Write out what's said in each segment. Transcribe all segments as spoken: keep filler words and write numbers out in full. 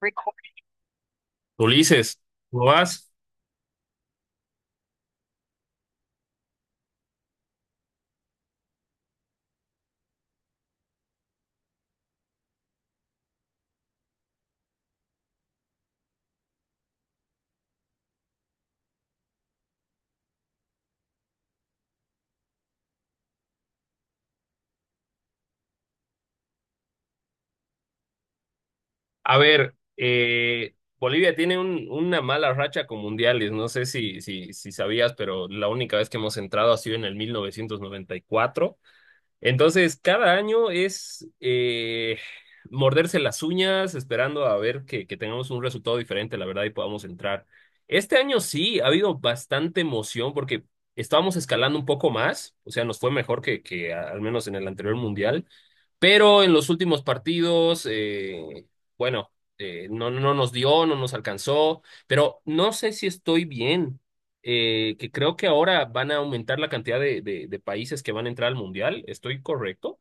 Record. Ulises, ¿cómo vas? A ver, eh, Bolivia tiene un- una mala racha con mundiales. No sé si, si, si sabías, pero la única vez que hemos entrado ha sido en el mil novecientos noventa y cuatro. Entonces, cada año es eh, morderse las uñas, esperando a ver que, que tengamos un resultado diferente, la verdad, y podamos entrar. Este año sí, ha habido bastante emoción porque estábamos escalando un poco más, o sea, nos fue mejor que, que a- al menos en el anterior mundial. Pero en los últimos partidos, eh, bueno, eh, no, no nos dio, no nos alcanzó, pero no sé si estoy bien, eh, que creo que ahora van a aumentar la cantidad de, de, de países que van a entrar al Mundial. ¿Estoy correcto?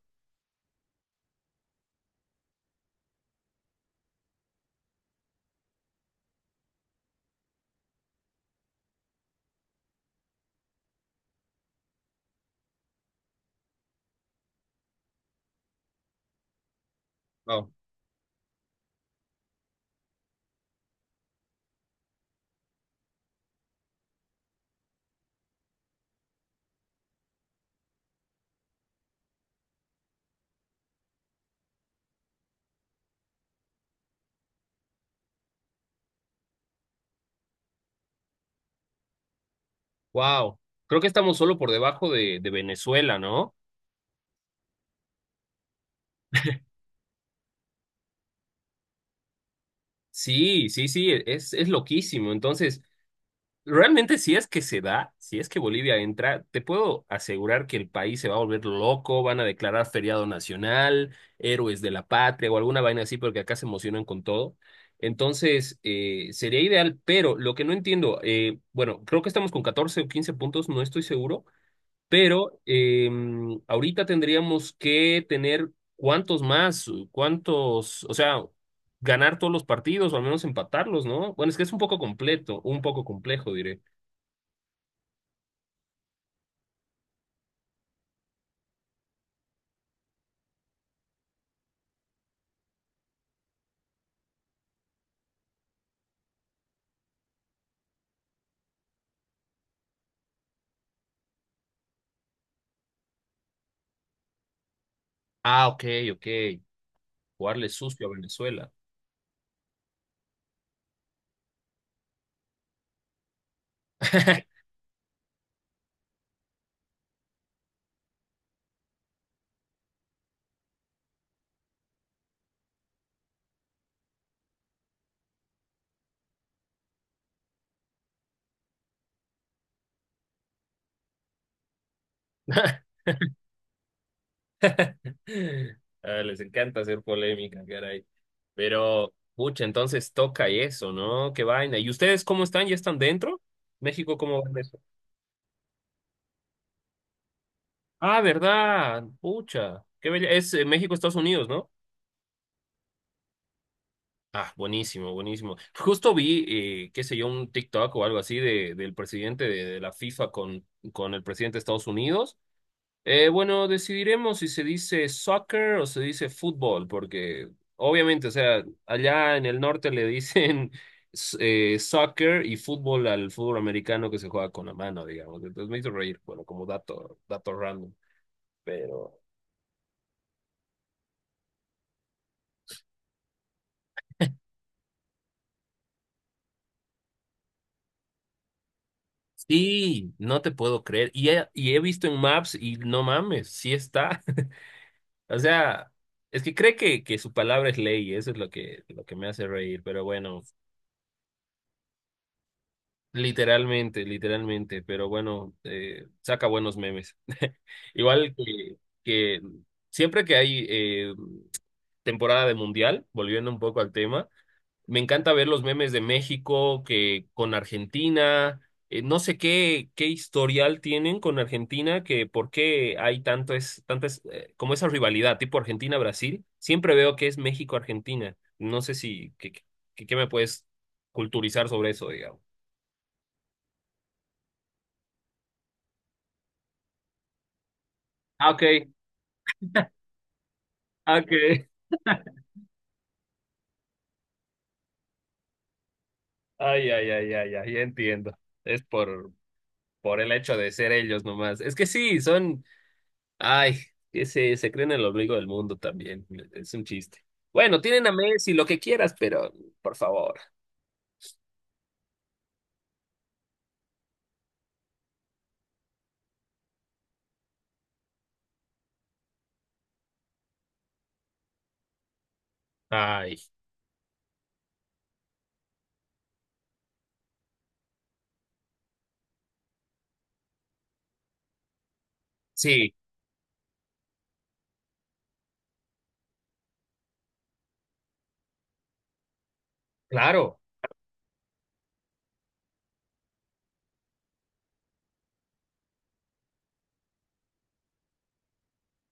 Wow. Wow, creo que estamos solo por debajo de, de Venezuela, ¿no? Sí, sí, sí, es, es loquísimo. Entonces, realmente, si es que se da, si es que Bolivia entra, te puedo asegurar que el país se va a volver loco, van a declarar feriado nacional, héroes de la patria o alguna vaina así, porque acá se emocionan con todo. Entonces, eh, sería ideal, pero lo que no entiendo, eh, bueno, creo que estamos con catorce o quince puntos, no estoy seguro, pero eh, ahorita tendríamos que tener cuántos más, cuántos, o sea, ganar todos los partidos o al menos empatarlos, ¿no? Bueno, es que es un poco completo, un poco complejo, diré. Ah, ok, ok. Jugarle sucio a Venezuela. Ah, les encanta hacer polémica, caray. Pero, pucha, entonces toca eso, ¿no? Qué vaina. ¿Y ustedes cómo están? ¿Ya están dentro? ¿México cómo va en eso? Ah, ¿verdad? Pucha. Qué bella. Es eh, México, Estados Unidos, ¿no? Ah, buenísimo, buenísimo. Justo vi, eh, qué sé yo, un TikTok o algo así de, del presidente de, de la FIFA con, con el presidente de Estados Unidos. Eh, bueno, decidiremos si se dice soccer o se dice fútbol, porque obviamente, o sea, allá en el norte le dicen s- eh, soccer y fútbol al fútbol americano que se juega con la mano, digamos. Entonces me hizo reír, bueno, como dato, dato random, pero sí, no te puedo creer. Y he, y he visto en Maps y no mames, sí está. O sea, es que cree que, que su palabra es ley, eso es lo que, lo que me hace reír, pero bueno. Literalmente, literalmente, pero bueno, eh, saca buenos memes. Igual que, que siempre que hay eh, temporada de mundial, volviendo un poco al tema, me encanta ver los memes de México que con Argentina, eh, no sé qué, qué historial tienen con Argentina, que por qué hay tanto es, tanto es, eh, como esa rivalidad tipo Argentina-Brasil, siempre veo que es México-Argentina. No sé si, qué, qué qué me puedes culturizar sobre eso, digamos. Ah, ok. Okay. Ay, ay, ay, ay, ay, ya entiendo. Es por, por el hecho de ser ellos nomás. Es que sí, son, ay, que se, se creen el ombligo del mundo también. Es un chiste. Bueno, tienen a Messi, lo que quieras, pero por favor. Ay, sí, claro.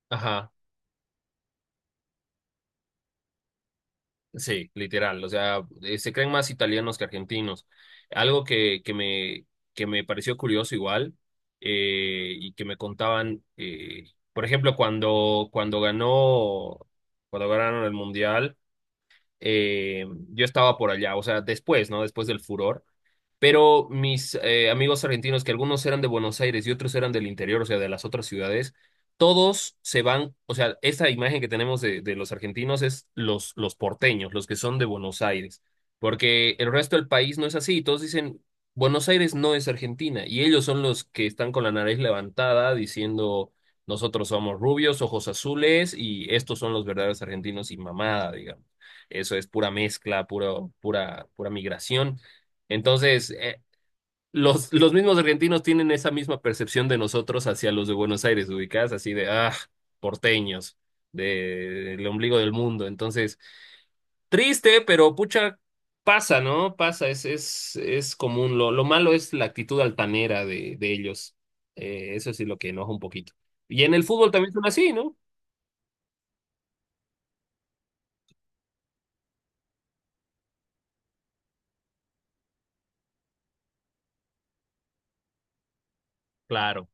Ajá. Sí, literal. O sea, eh, se creen más italianos que argentinos. Algo que, que me, que me pareció curioso igual eh, y que me contaban, eh, por ejemplo, cuando, cuando ganó, cuando ganaron el Mundial, eh, yo estaba por allá, o sea, después, ¿no? Después del furor. Pero mis eh, amigos argentinos, que algunos eran de Buenos Aires y otros eran del interior, o sea, de las otras ciudades, todos se van, o sea, esta imagen que tenemos de, de los argentinos es los, los porteños, los que son de Buenos Aires, porque el resto del país no es así, todos dicen, Buenos Aires no es Argentina, y ellos son los que están con la nariz levantada diciendo, nosotros somos rubios, ojos azules, y estos son los verdaderos argentinos y mamada, digamos. Eso es pura mezcla, puro, pura, pura migración. Entonces, eh, los, los mismos argentinos tienen esa misma percepción de nosotros hacia los de Buenos Aires, ubicadas así de, ah, porteños, de, el ombligo del mundo. Entonces, triste, pero pucha, pasa, ¿no? Pasa, es, es, es común. Lo, lo malo es la actitud altanera de, de ellos. Eh, eso sí lo que enoja un poquito. Y en el fútbol también son así, ¿no? Claro,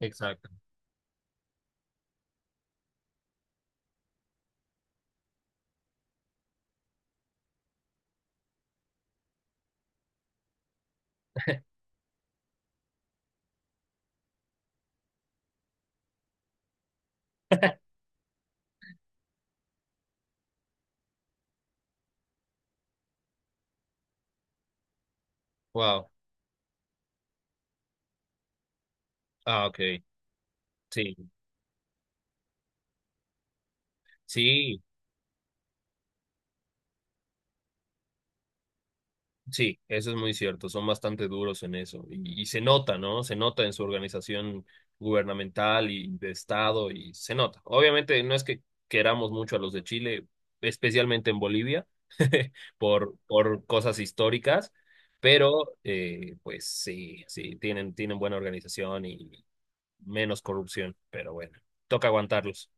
exacto. Wow. Ah, ok. Sí, sí. Sí, eso es muy cierto, son bastante duros en eso y, y se nota, ¿no? Se nota en su organización gubernamental y de Estado y se nota. Obviamente no es que queramos mucho a los de Chile, especialmente en Bolivia, por, por cosas históricas, pero eh, pues sí, sí, tienen, tienen buena organización y menos corrupción, pero bueno, toca aguantarlos.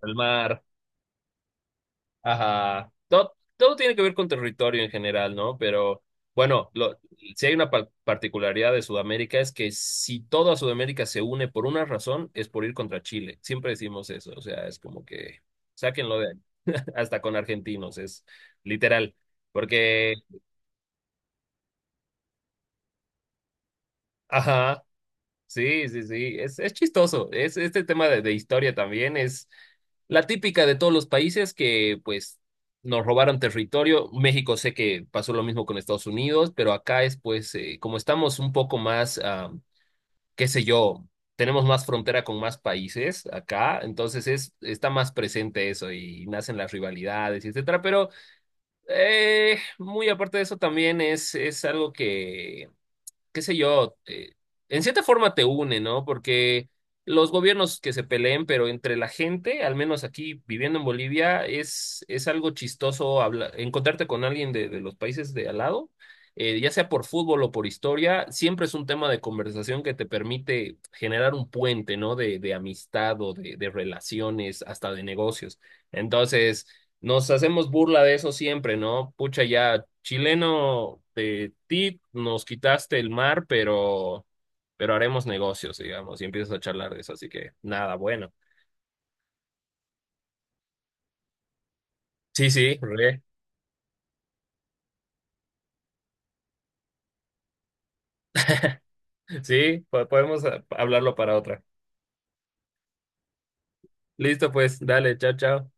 Palmar. Ajá. Todo, todo tiene que ver con territorio en general, ¿no? Pero bueno, lo, si hay una par- particularidad de Sudamérica es que si toda Sudamérica se une por una razón, es por ir contra Chile. Siempre decimos eso, o sea, es como que sáquenlo de ahí, hasta con argentinos, es literal. Porque, ajá, sí, sí, sí, es, es chistoso. Es, este tema de, de historia también es la típica de todos los países que pues nos robaron territorio. México sé que pasó lo mismo con Estados Unidos, pero acá es pues eh, como estamos un poco más, ah, qué sé yo, tenemos más frontera con más países acá, entonces es, está más presente eso y nacen las rivalidades, etcétera, pero eh, muy aparte de eso también es, es algo que qué sé yo, te- en cierta forma te une, ¿no? Porque los gobiernos que se peleen, pero entre la gente, al menos aquí viviendo en Bolivia, es, es algo chistoso habla- encontrarte con alguien de, de los países de al lado, eh, ya sea por fútbol o por historia, siempre es un tema de conversación que te permite generar un puente, ¿no? De, de amistad o de, de relaciones, hasta de negocios. Entonces. Nos hacemos burla de eso siempre, ¿no? Pucha, ya, chileno de ti, nos quitaste el mar, pero, pero haremos negocios, digamos, y empiezas a charlar de eso, así que nada, bueno. Sí, sí, re. Sí, po- podemos ah, hablarlo para otra. Listo, pues, dale, chao, chao.